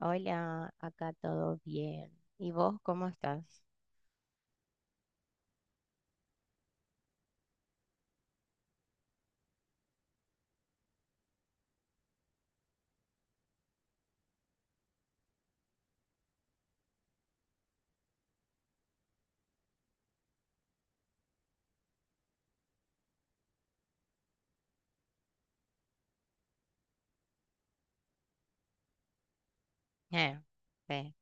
Hola, acá todo bien. ¿Y vos cómo estás? Eh, sí.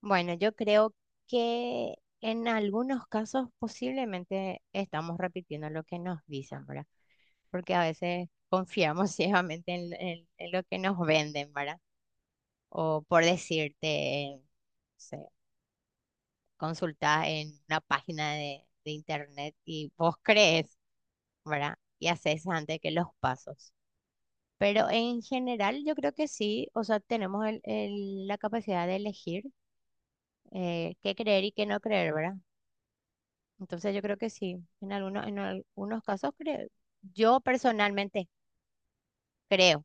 Bueno, yo creo que en algunos casos posiblemente estamos repitiendo lo que nos dicen, ¿verdad? Porque a veces confiamos ciegamente en lo que nos venden, ¿verdad? O por decirte, consultas en una página de internet y vos crees, ¿verdad? Y haces antes que los pasos. Pero en general yo creo que sí, o sea, tenemos la capacidad de elegir qué creer y qué no creer, ¿verdad? Entonces yo creo que sí, en algunos casos creo, yo personalmente creo,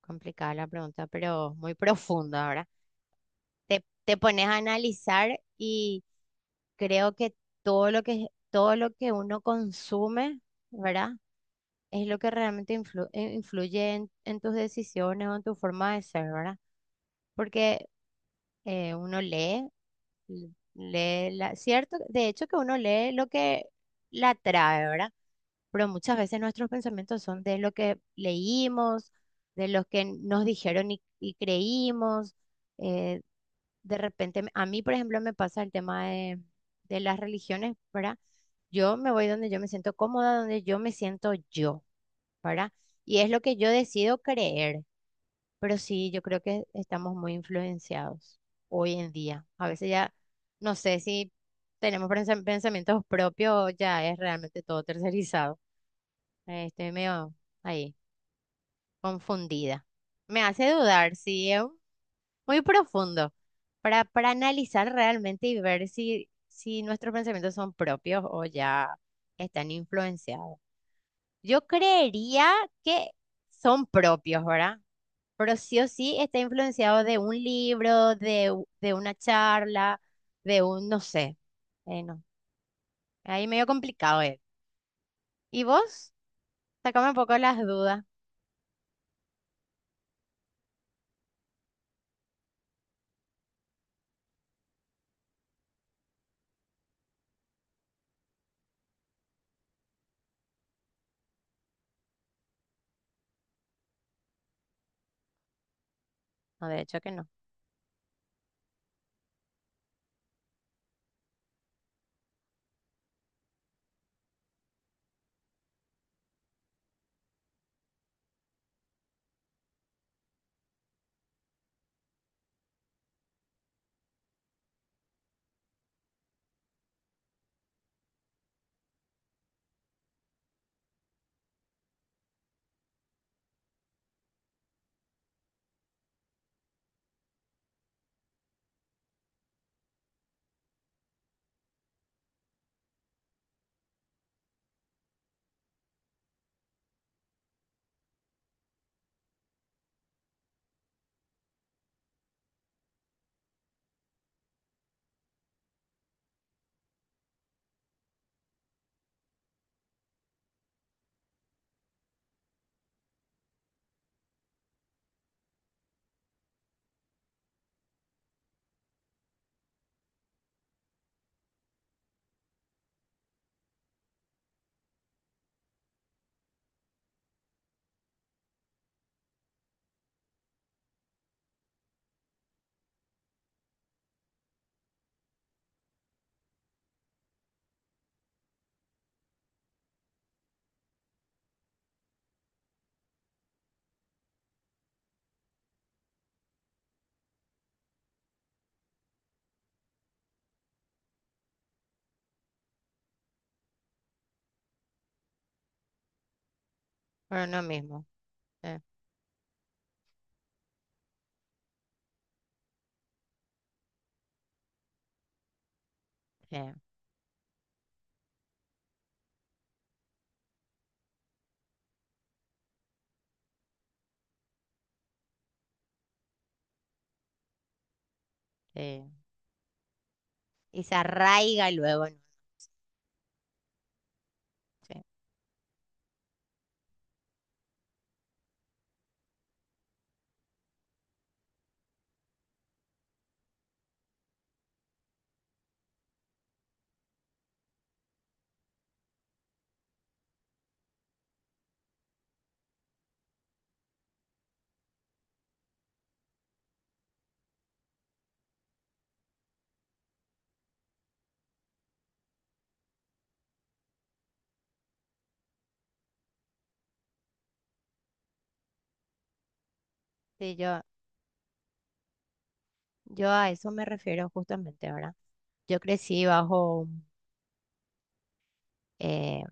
complicada la pregunta, pero muy profunda, ¿verdad? Te pones a analizar y creo que todo lo que uno consume, ¿verdad? Es lo que realmente influye en tus decisiones o en tu forma de ser, ¿verdad? Porque uno lee. l- Lee la, cierto, de hecho que uno lee lo que la atrae, ¿verdad? Pero muchas veces nuestros pensamientos son de lo que leímos, de lo que nos dijeron y creímos. eh, de repente, a mí, por ejemplo, me pasa el tema de las religiones, ¿verdad? Yo me voy donde yo me siento cómoda, donde yo me siento yo, ¿verdad? Y es lo que yo decido creer. Pero sí, yo creo que estamos muy influenciados hoy en día. A veces ya, no sé si tenemos pensamientos propios, o ya es realmente todo tercerizado. Estoy medio ahí, confundida. Me hace dudar, sí, es muy profundo para analizar realmente y ver si, si nuestros pensamientos son propios o ya están influenciados. Yo creería que son propios, ¿verdad? Pero sí o sí está influenciado de un libro, de, de una charla, de un, no sé. No, ahí medio complicado es. ¿Y vos? Sacame un poco las dudas. No, de hecho que no, pero no mismo. Eh, eh, eh. Y se arraiga luego, ¿no? Sí, sí, yo a eso me refiero justamente ahora. Yo crecí eh,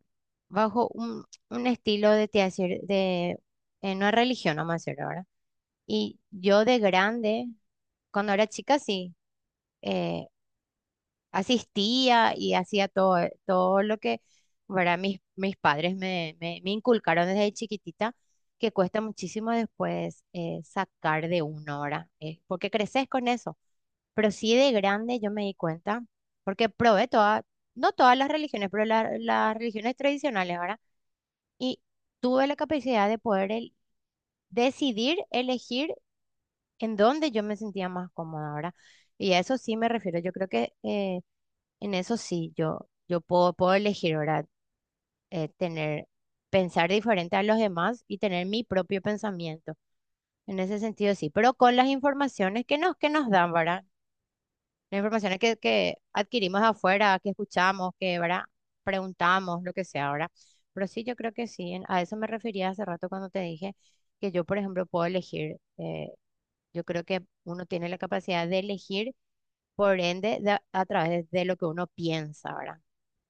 bajo un estilo de, te decir, de no es religión, vamos a decir ahora. Y yo de grande cuando era chica sí, eh, asistía y hacía todo, todo lo que, ¿verdad? Mis, mis padres me, me, me inculcaron desde chiquitita, que cuesta muchísimo después sacar de una hora, porque creces con eso. Pero sí de grande yo me di cuenta, porque probé todas, no todas las religiones, pero las religiones tradicionales, ¿verdad? Y tuve la capacidad de poder decidir, elegir en donde yo me sentía más cómoda, ¿verdad? Y a eso sí me refiero. Yo creo que en eso sí, yo puedo, puedo elegir, ¿verdad? Tener, pensar diferente a los demás y tener mi propio pensamiento. En ese sentido sí, pero con las informaciones que nos dan, ¿verdad? Las informaciones que adquirimos afuera, que escuchamos, que, ¿verdad? Preguntamos, lo que sea, ¿verdad? Pero sí, yo creo que sí, a eso me refería hace rato cuando te dije que yo, por ejemplo, puedo elegir. Yo creo que uno tiene la capacidad de elegir, por ende, a través de lo que uno piensa, ¿verdad?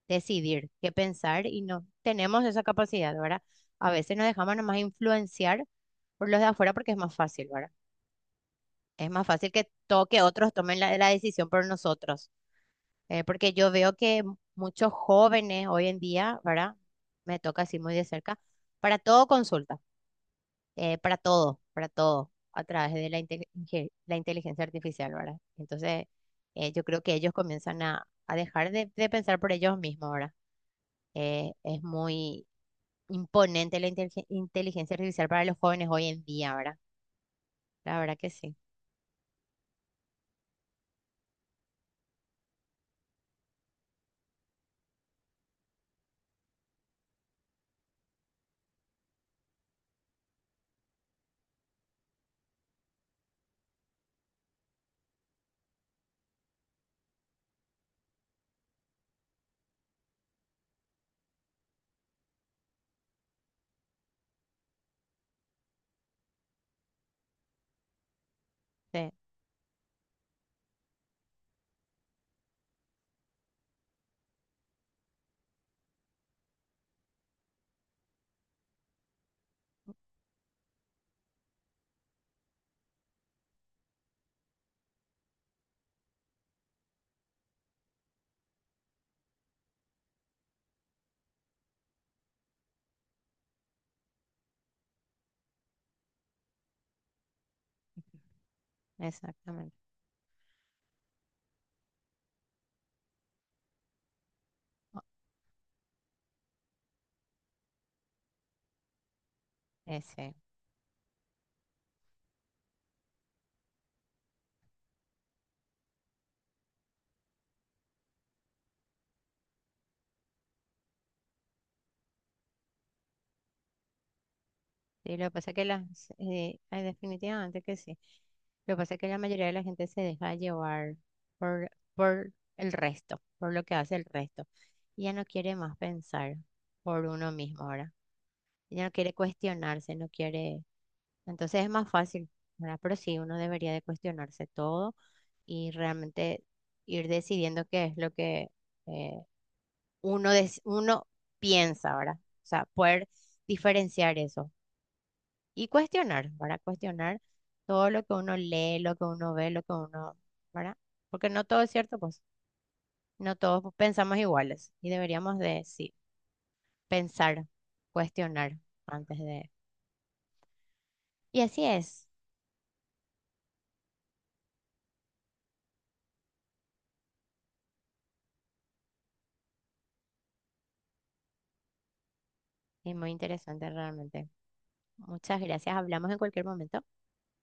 Decidir qué pensar y no tenemos esa capacidad, ¿verdad? A veces nos dejamos nomás influenciar por los de afuera porque es más fácil, ¿verdad? Es más fácil que, que otros tomen la decisión por nosotros. Porque yo veo que muchos jóvenes hoy en día, ¿verdad? Me toca así muy de cerca, para todo consulta para todo, a través de la, la inteligencia artificial, ¿verdad? Entonces, yo creo que ellos comienzan a dejar de pensar por ellos mismos, ¿verdad? Es muy imponente la inteligencia artificial para los jóvenes hoy en día, ¿verdad? La verdad que sí. Sí. Exactamente. Ese. Sí, lo que pasa es que las, ay, definitivamente que sí. Lo que pasa es que la mayoría de la gente se deja llevar por el resto, por lo que hace el resto. Y ya no quiere más pensar por uno mismo ahora. Ya no quiere cuestionarse, no quiere. Entonces es más fácil, ¿verdad? Pero sí, uno debería de cuestionarse todo y realmente ir decidiendo qué es lo que eh, uno, uno piensa ahora. O sea, poder diferenciar eso. Y cuestionar, para cuestionar todo lo que uno lee, lo que uno ve, lo que uno, ¿verdad? Porque no todo es cierto, pues no todos pensamos iguales y deberíamos de, sí, pensar, cuestionar antes de... Y así es muy interesante realmente. Muchas gracias, hablamos en cualquier momento.